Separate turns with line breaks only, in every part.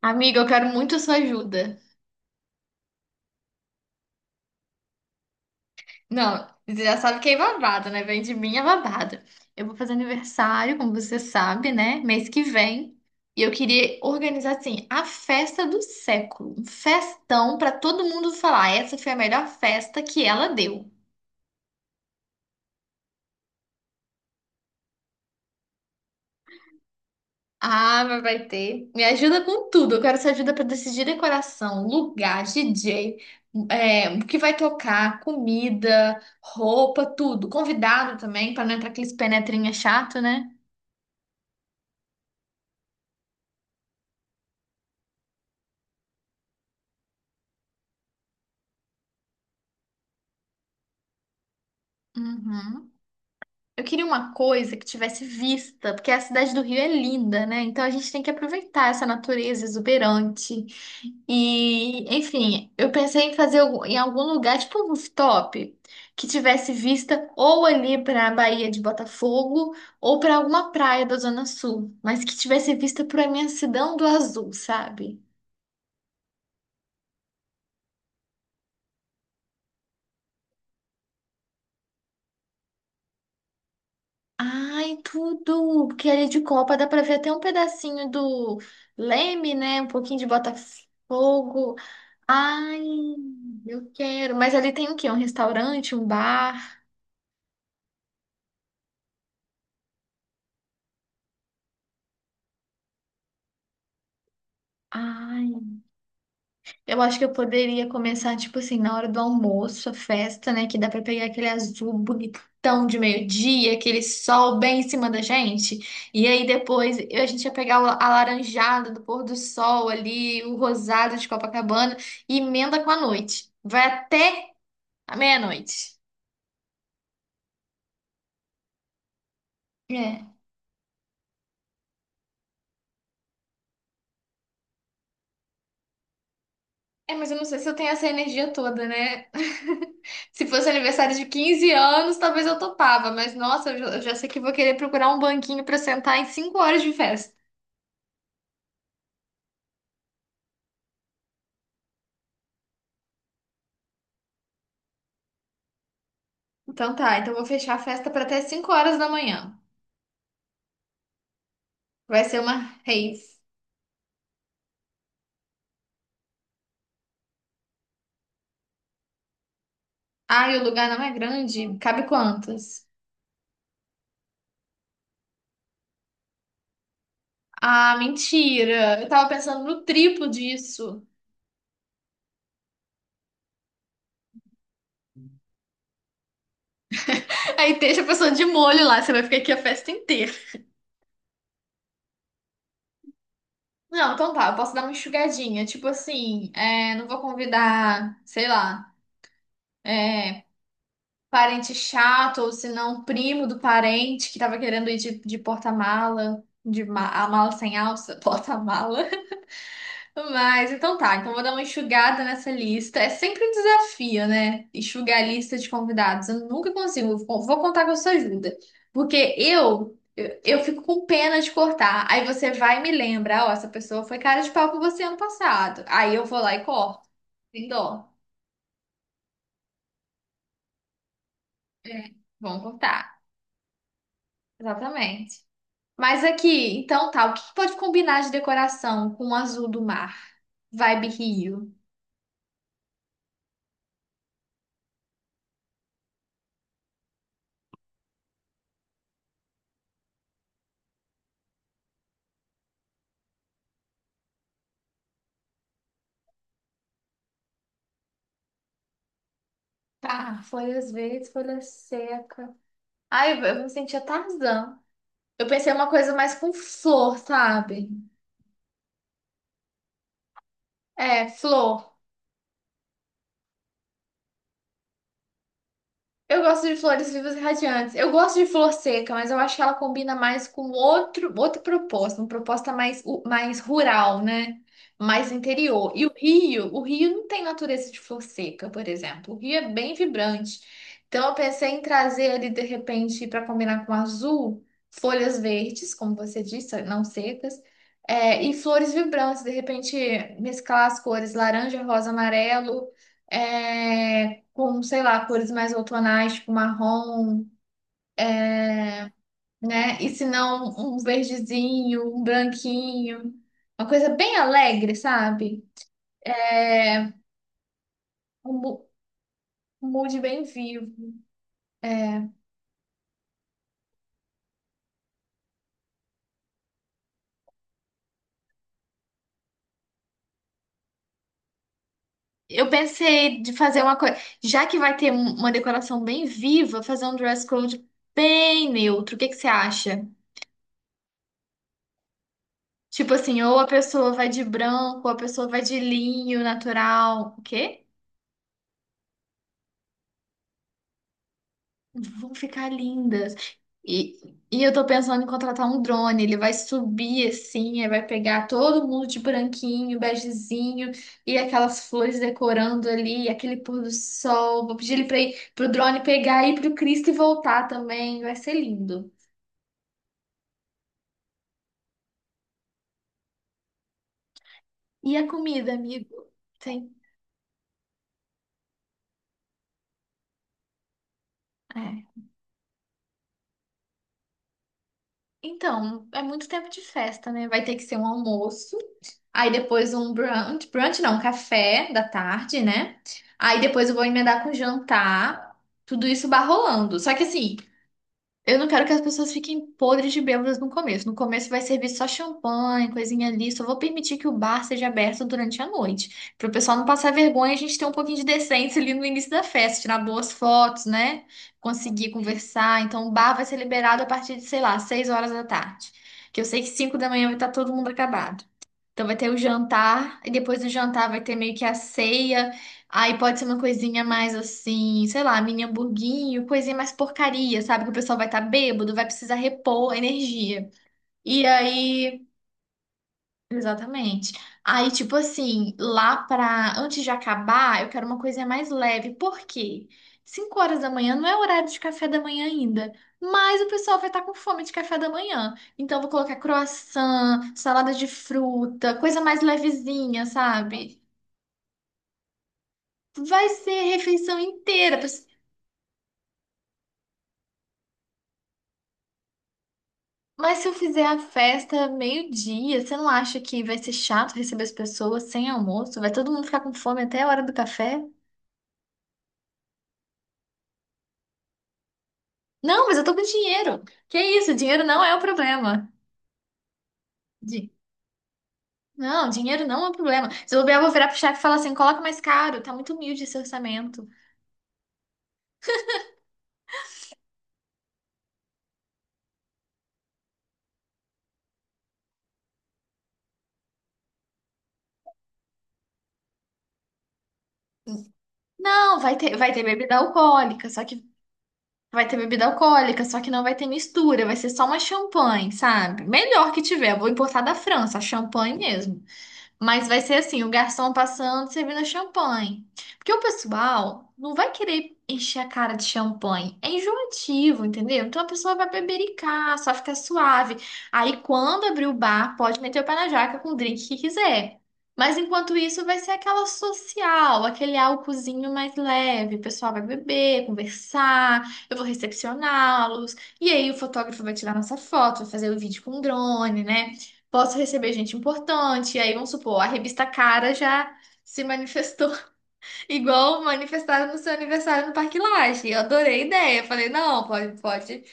Amiga, eu quero muito a sua ajuda. Não, você já sabe que é babado, né? Vem de mim é babado. Eu vou fazer aniversário, como você sabe, né? Mês que vem. E eu queria organizar, assim, a festa do século. Um festão pra todo mundo falar: "Ah, essa foi a melhor festa que ela deu." Ah, mas vai ter. Me ajuda com tudo. Eu quero essa ajuda para decidir decoração, lugar, DJ, o que vai tocar, comida, roupa, tudo. Convidado também, para não entrar aqueles penetrinha chato, né? Uhum. Eu queria uma coisa que tivesse vista, porque a cidade do Rio é linda, né? Então a gente tem que aproveitar essa natureza exuberante. E, enfim, eu pensei em fazer em algum lugar, tipo um rooftop, que tivesse vista ou ali para a Baía de Botafogo ou para alguma praia da Zona Sul, mas que tivesse vista para a imensidão do azul, sabe? Ai, tudo! Porque ali de Copa dá para ver até um pedacinho do Leme, né? Um pouquinho de Botafogo. Ai, eu quero! Mas ali tem o quê? Um restaurante, um bar? Ai. Eu acho que eu poderia começar, tipo assim, na hora do almoço, a festa, né? Que dá pra pegar aquele azul bonitão de meio-dia, aquele sol bem em cima da gente. E aí depois a gente ia pegar o alaranjado do pôr do sol ali, o rosado de Copacabana, e emenda com a noite. Vai até a meia-noite. É. É, mas eu não sei se eu tenho essa energia toda, né? Se fosse aniversário de 15 anos, talvez eu topava, mas nossa, eu já sei que vou querer procurar um banquinho pra sentar em 5 horas de festa. Então tá, então vou fechar a festa para até 5 horas da manhã. Vai ser uma rave. Ai, o lugar não é grande. Cabe quantas? Ah, mentira. Eu tava pensando no triplo disso. Aí deixa a pessoa de molho lá, você vai ficar aqui a festa inteira. Não, então tá, eu posso dar uma enxugadinha. Tipo assim, não vou convidar, sei lá, é, parente chato, ou se não, primo do parente que tava querendo ir de porta-mala, de a mala sem alça, porta-mala. Mas então tá, então vou dar uma enxugada nessa lista. É sempre um desafio, né? Enxugar a lista de convidados. Eu nunca consigo. Vou contar com a sua ajuda. Porque eu fico com pena de cortar. Aí você vai e me lembra: ó, essa pessoa foi cara de pau com você ano passado. Aí eu vou lá e corto. Sem dó. É. Vamos cortar. Exatamente. Mas aqui, então tá, o que que pode combinar de decoração com o azul do mar? Vibe Rio. Tá, folhas verdes, folha seca. Ai, eu me sentia Tarzan. Eu pensei uma coisa mais com flor, sabe? É, flor. Eu gosto de flores vivas e radiantes. Eu gosto de flor seca, mas eu acho que ela combina mais com outro, outra proposta, uma proposta mais, mais rural, né? Mais interior. E o Rio não tem natureza de flor seca, por exemplo. O Rio é bem vibrante. Então eu pensei em trazer ali, de repente, para combinar com azul, folhas verdes, como você disse, não secas, e flores vibrantes, de repente, mesclar as cores laranja, rosa, amarelo. É, com, sei lá, cores mais outonais, tipo marrom, né? E se não, um verdezinho, um branquinho. Uma coisa bem alegre, sabe? É um mu- um mood bem vivo. É, eu pensei de fazer uma coisa, já que vai ter uma decoração bem viva, fazer um dress code bem neutro. O que que você acha? Tipo assim, ou a pessoa vai de branco, ou a pessoa vai de linho natural. O quê? Vão ficar lindas. E, e eu tô pensando em contratar um drone. Ele vai subir assim, aí vai pegar todo mundo de branquinho, begezinho, e aquelas flores decorando ali, aquele pôr do sol. Vou pedir ele pra ir, pro drone pegar e ir pro Cristo e voltar também. Vai ser lindo. E a comida, amigo? Tem. É. Então, é muito tempo de festa, né? Vai ter que ser um almoço, aí depois um brunch, brunch não, um café da tarde, né? Aí depois eu vou emendar com jantar, tudo isso barrolando. Só que assim, eu não quero que as pessoas fiquem podres de bêbadas no começo. No começo vai servir só champanhe, coisinha ali. Só vou permitir que o bar seja aberto durante a noite. Para o pessoal não passar vergonha, a gente ter um pouquinho de decência ali no início da festa, tirar boas fotos, né? Conseguir conversar. Então, o bar vai ser liberado a partir de, sei lá, 18 horas da tarde. Que eu sei que 5 da manhã vai estar todo mundo acabado. Então, vai ter o jantar, e depois do jantar vai ter meio que a ceia. Aí pode ser uma coisinha mais assim, sei lá, mini hamburguinho, coisinha mais porcaria, sabe? Que o pessoal vai estar bêbado, vai precisar repor a energia. E aí. Exatamente. Aí, tipo assim, lá pra. Antes de acabar, eu quero uma coisinha mais leve. Por quê? 5 horas da manhã não é horário de café da manhã ainda. Mas o pessoal vai estar com fome de café da manhã. Então, eu vou colocar croissant, salada de fruta, coisa mais levezinha, sabe? Vai ser refeição inteira. Mas se eu fizer a festa meio-dia, você não acha que vai ser chato receber as pessoas sem almoço? Vai todo mundo ficar com fome até a hora do café? Não, mas eu tô com dinheiro. Que isso? Dinheiro não é o problema. Di- Não, dinheiro não é o problema. Se eu bobear, eu vou virar pro chefe e falar assim: coloca mais caro, tá muito humilde esse orçamento. Não, vai ter bebida alcoólica, só que vai ter bebida alcoólica, só que não vai ter mistura, vai ser só uma champanhe, sabe? Melhor que tiver, eu vou importar da França, a champanhe mesmo. Mas vai ser assim, o garçom passando, servindo champanhe. Porque o pessoal não vai querer encher a cara de champanhe. É enjoativo, entendeu? Então a pessoa vai bebericar, só fica suave. Aí quando abrir o bar, pode meter o pé na jaca com o drink que quiser. Mas enquanto isso, vai ser aquela social, aquele álcoolzinho mais leve. O pessoal vai beber, conversar, eu vou recepcioná-los. E aí o fotógrafo vai tirar nossa foto, vai fazer o vídeo com drone, né? Posso receber gente importante. E aí, vamos supor, a revista Cara já se manifestou, igual manifestaram no seu aniversário no Parque Lage. Eu adorei a ideia. Eu falei: não, pode, pode,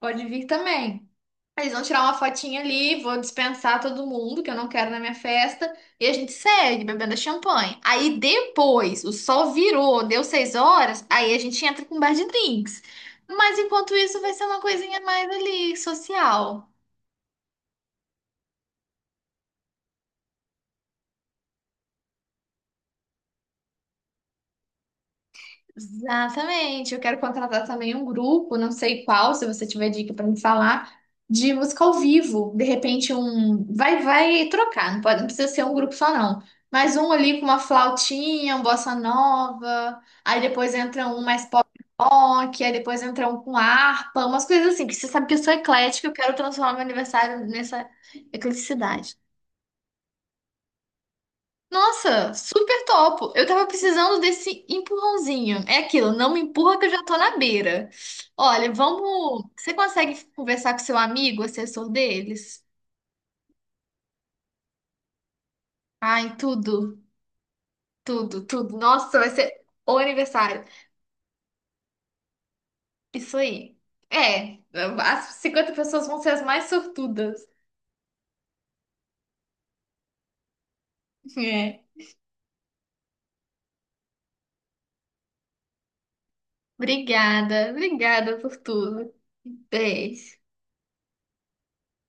pode vir também. Eles vão tirar uma fotinha ali, vou dispensar todo mundo que eu não quero na minha festa. E a gente segue bebendo champanhe. Aí depois, o sol virou, deu 6 horas, aí a gente entra com um bar de drinks. Mas enquanto isso, vai ser uma coisinha mais ali, social. Exatamente. Eu quero contratar também um grupo, não sei qual, se você tiver dica para me falar, de música ao vivo. De repente um vai trocar, não pode, não precisa ser um grupo só não. Mas um ali com uma flautinha, um bossa nova, aí depois entra um mais pop rock, aí depois entra um com harpa, umas coisas assim, que você sabe que eu sou eclética, eu quero transformar meu aniversário nessa ecleticidade. Nossa, super topo. Eu tava precisando desse empurrãozinho. É aquilo, não me empurra que eu já tô na beira. Olha, vamos. Você consegue conversar com seu amigo, assessor deles? Ai, tudo, tudo, tudo. Nossa, vai ser o aniversário. Isso aí. É, as 50 pessoas vão ser as mais sortudas. É. Obrigada, obrigada por tudo. Beijo.